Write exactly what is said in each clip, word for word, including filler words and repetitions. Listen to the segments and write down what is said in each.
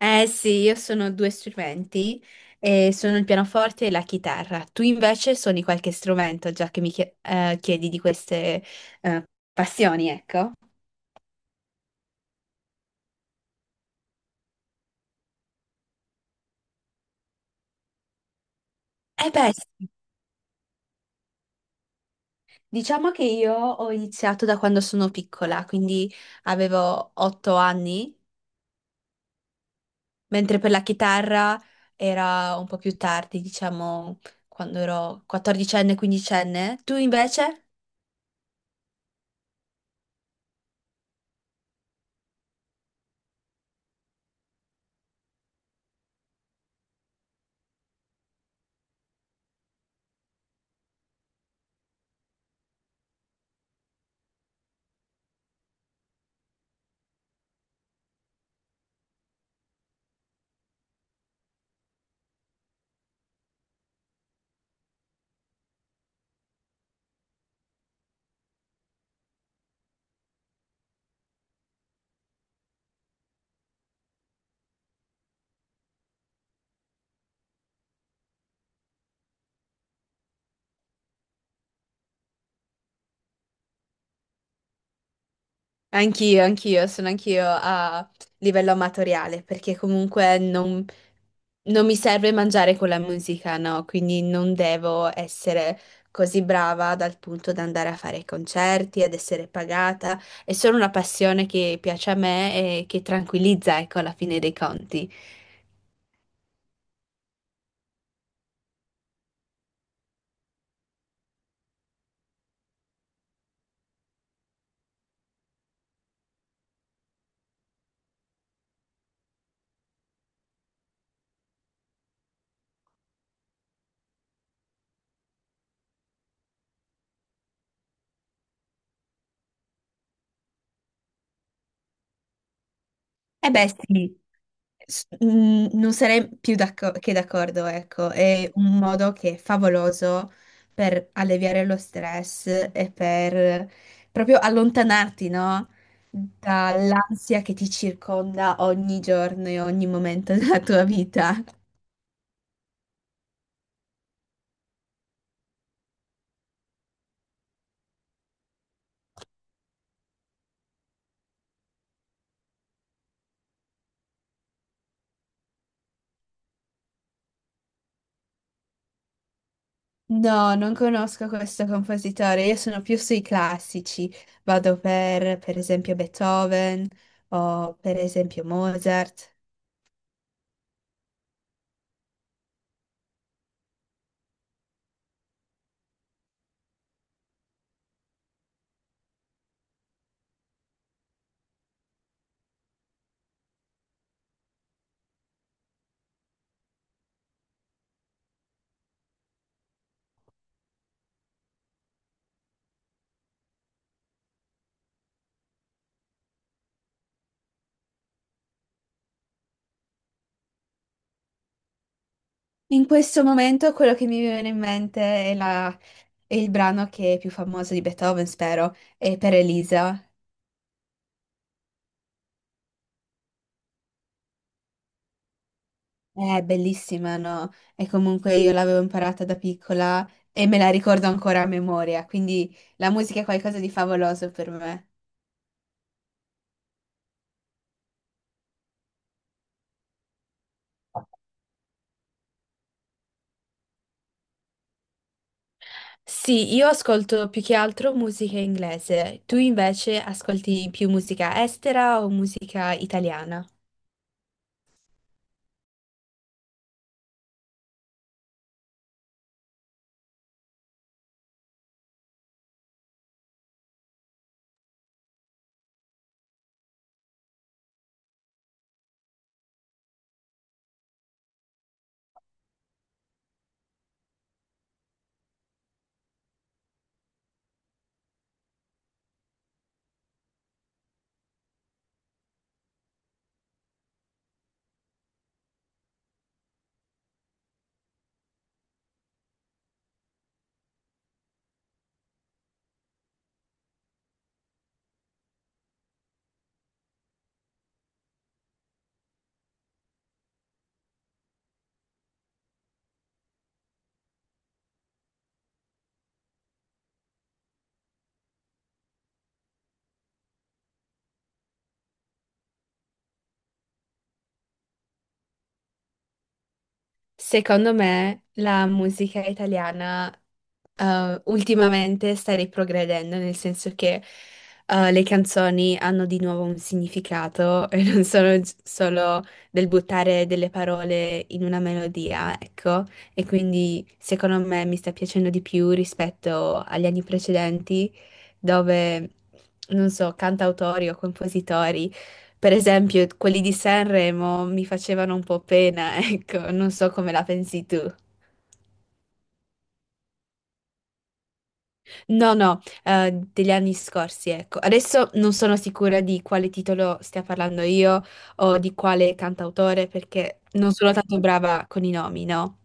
Eh sì, io sono due strumenti, eh, sono il pianoforte e la chitarra. Tu invece suoni qualche strumento, già che mi chie- eh, chiedi di queste eh, passioni, ecco. Eh beh, sì. Diciamo che io ho iniziato da quando sono piccola, quindi avevo otto anni, mentre per la chitarra era un po' più tardi, diciamo quando ero quattordicenne, quindicenne. Tu invece? Anch'io, anch'io, sono anch'io a livello amatoriale, perché comunque non, non mi serve mangiare con la musica, no? Quindi non devo essere così brava dal punto da andare a fare concerti, ad essere pagata. È solo una passione che piace a me e che tranquillizza, ecco, alla fine dei conti. Eh beh, sì. S- mm, Non sarei più d'acco- che d'accordo, ecco, è un modo che è favoloso per alleviare lo stress e per proprio allontanarti, no? Dall'ansia che ti circonda ogni giorno e ogni momento della tua vita. No, non conosco questo compositore, io sono più sui classici, vado per, per esempio, Beethoven o per esempio Mozart. In questo momento quello che mi viene in mente è la è il brano che è più famoso di Beethoven, spero, è per Elisa. È bellissima, no? E comunque io l'avevo imparata da piccola e me la ricordo ancora a memoria, quindi la musica è qualcosa di favoloso per me. Sì, io ascolto più che altro musica inglese. Tu invece ascolti più musica estera o musica italiana? Secondo me la musica italiana eh, ultimamente sta riprogredendo, nel senso che eh, le canzoni hanno di nuovo un significato e non sono gi- solo del buttare delle parole in una melodia, ecco, e quindi secondo me mi sta piacendo di più rispetto agli anni precedenti dove, non so, cantautori o compositori, per esempio quelli di Sanremo, mi facevano un po' pena, ecco, non so come la pensi tu. No, no, eh, degli anni scorsi, ecco. Adesso non sono sicura di quale titolo stia parlando io o di quale cantautore, perché non sono tanto brava con i nomi, no?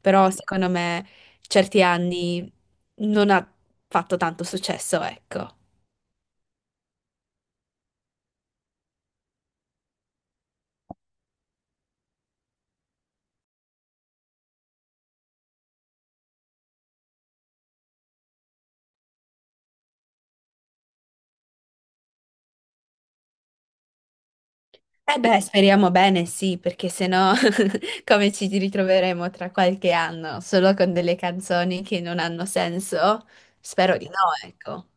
Però secondo me certi anni non ha fatto tanto successo, ecco. Eh beh, speriamo bene, sì, perché se no. Come ci ritroveremo tra qualche anno, solo con delle canzoni che non hanno senso? Spero di no, ecco.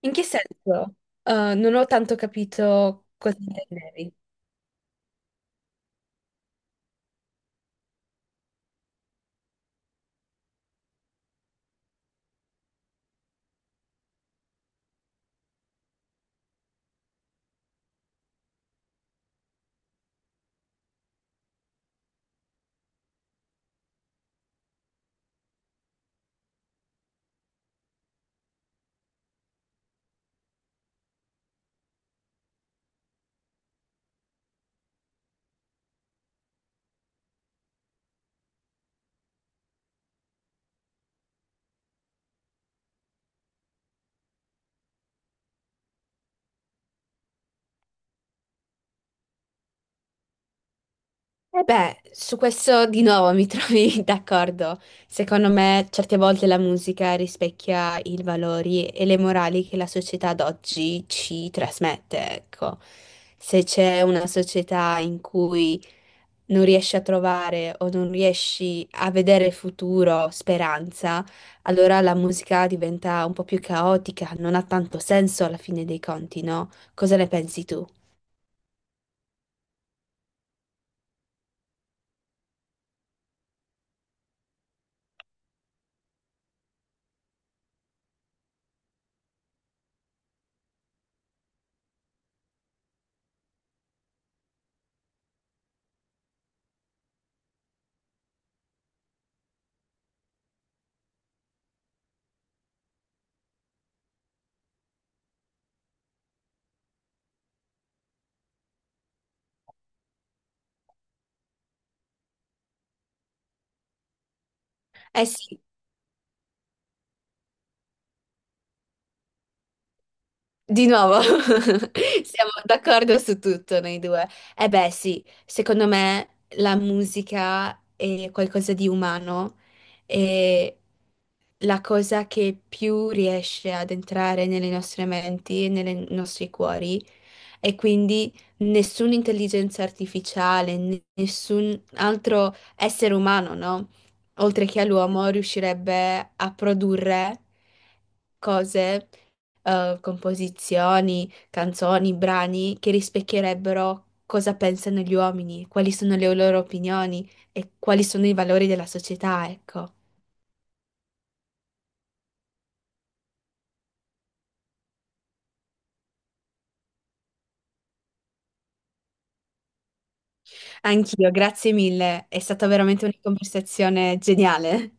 In che senso? Eh, non ho tanto capito cosa intendevi. E beh, su questo di nuovo mi trovi d'accordo. Secondo me, certe volte la musica rispecchia i valori e le morali che la società d'oggi ci trasmette, ecco. Se c'è una società in cui non riesci a trovare o non riesci a vedere futuro, speranza, allora la musica diventa un po' più caotica, non ha tanto senso alla fine dei conti, no? Cosa ne pensi tu? Eh sì, di nuovo, siamo d'accordo su tutto noi due. Eh beh sì, secondo me la musica è qualcosa di umano e la cosa che più riesce ad entrare nelle nostre menti e nei nostri cuori. E quindi nessuna intelligenza artificiale, n- nessun altro essere umano, no? Oltre che all'uomo, riuscirebbe a produrre cose, eh, composizioni, canzoni, brani che rispecchierebbero cosa pensano gli uomini, quali sono le loro opinioni e quali sono i valori della società, ecco. Anch'io, grazie mille, è stata veramente una conversazione geniale.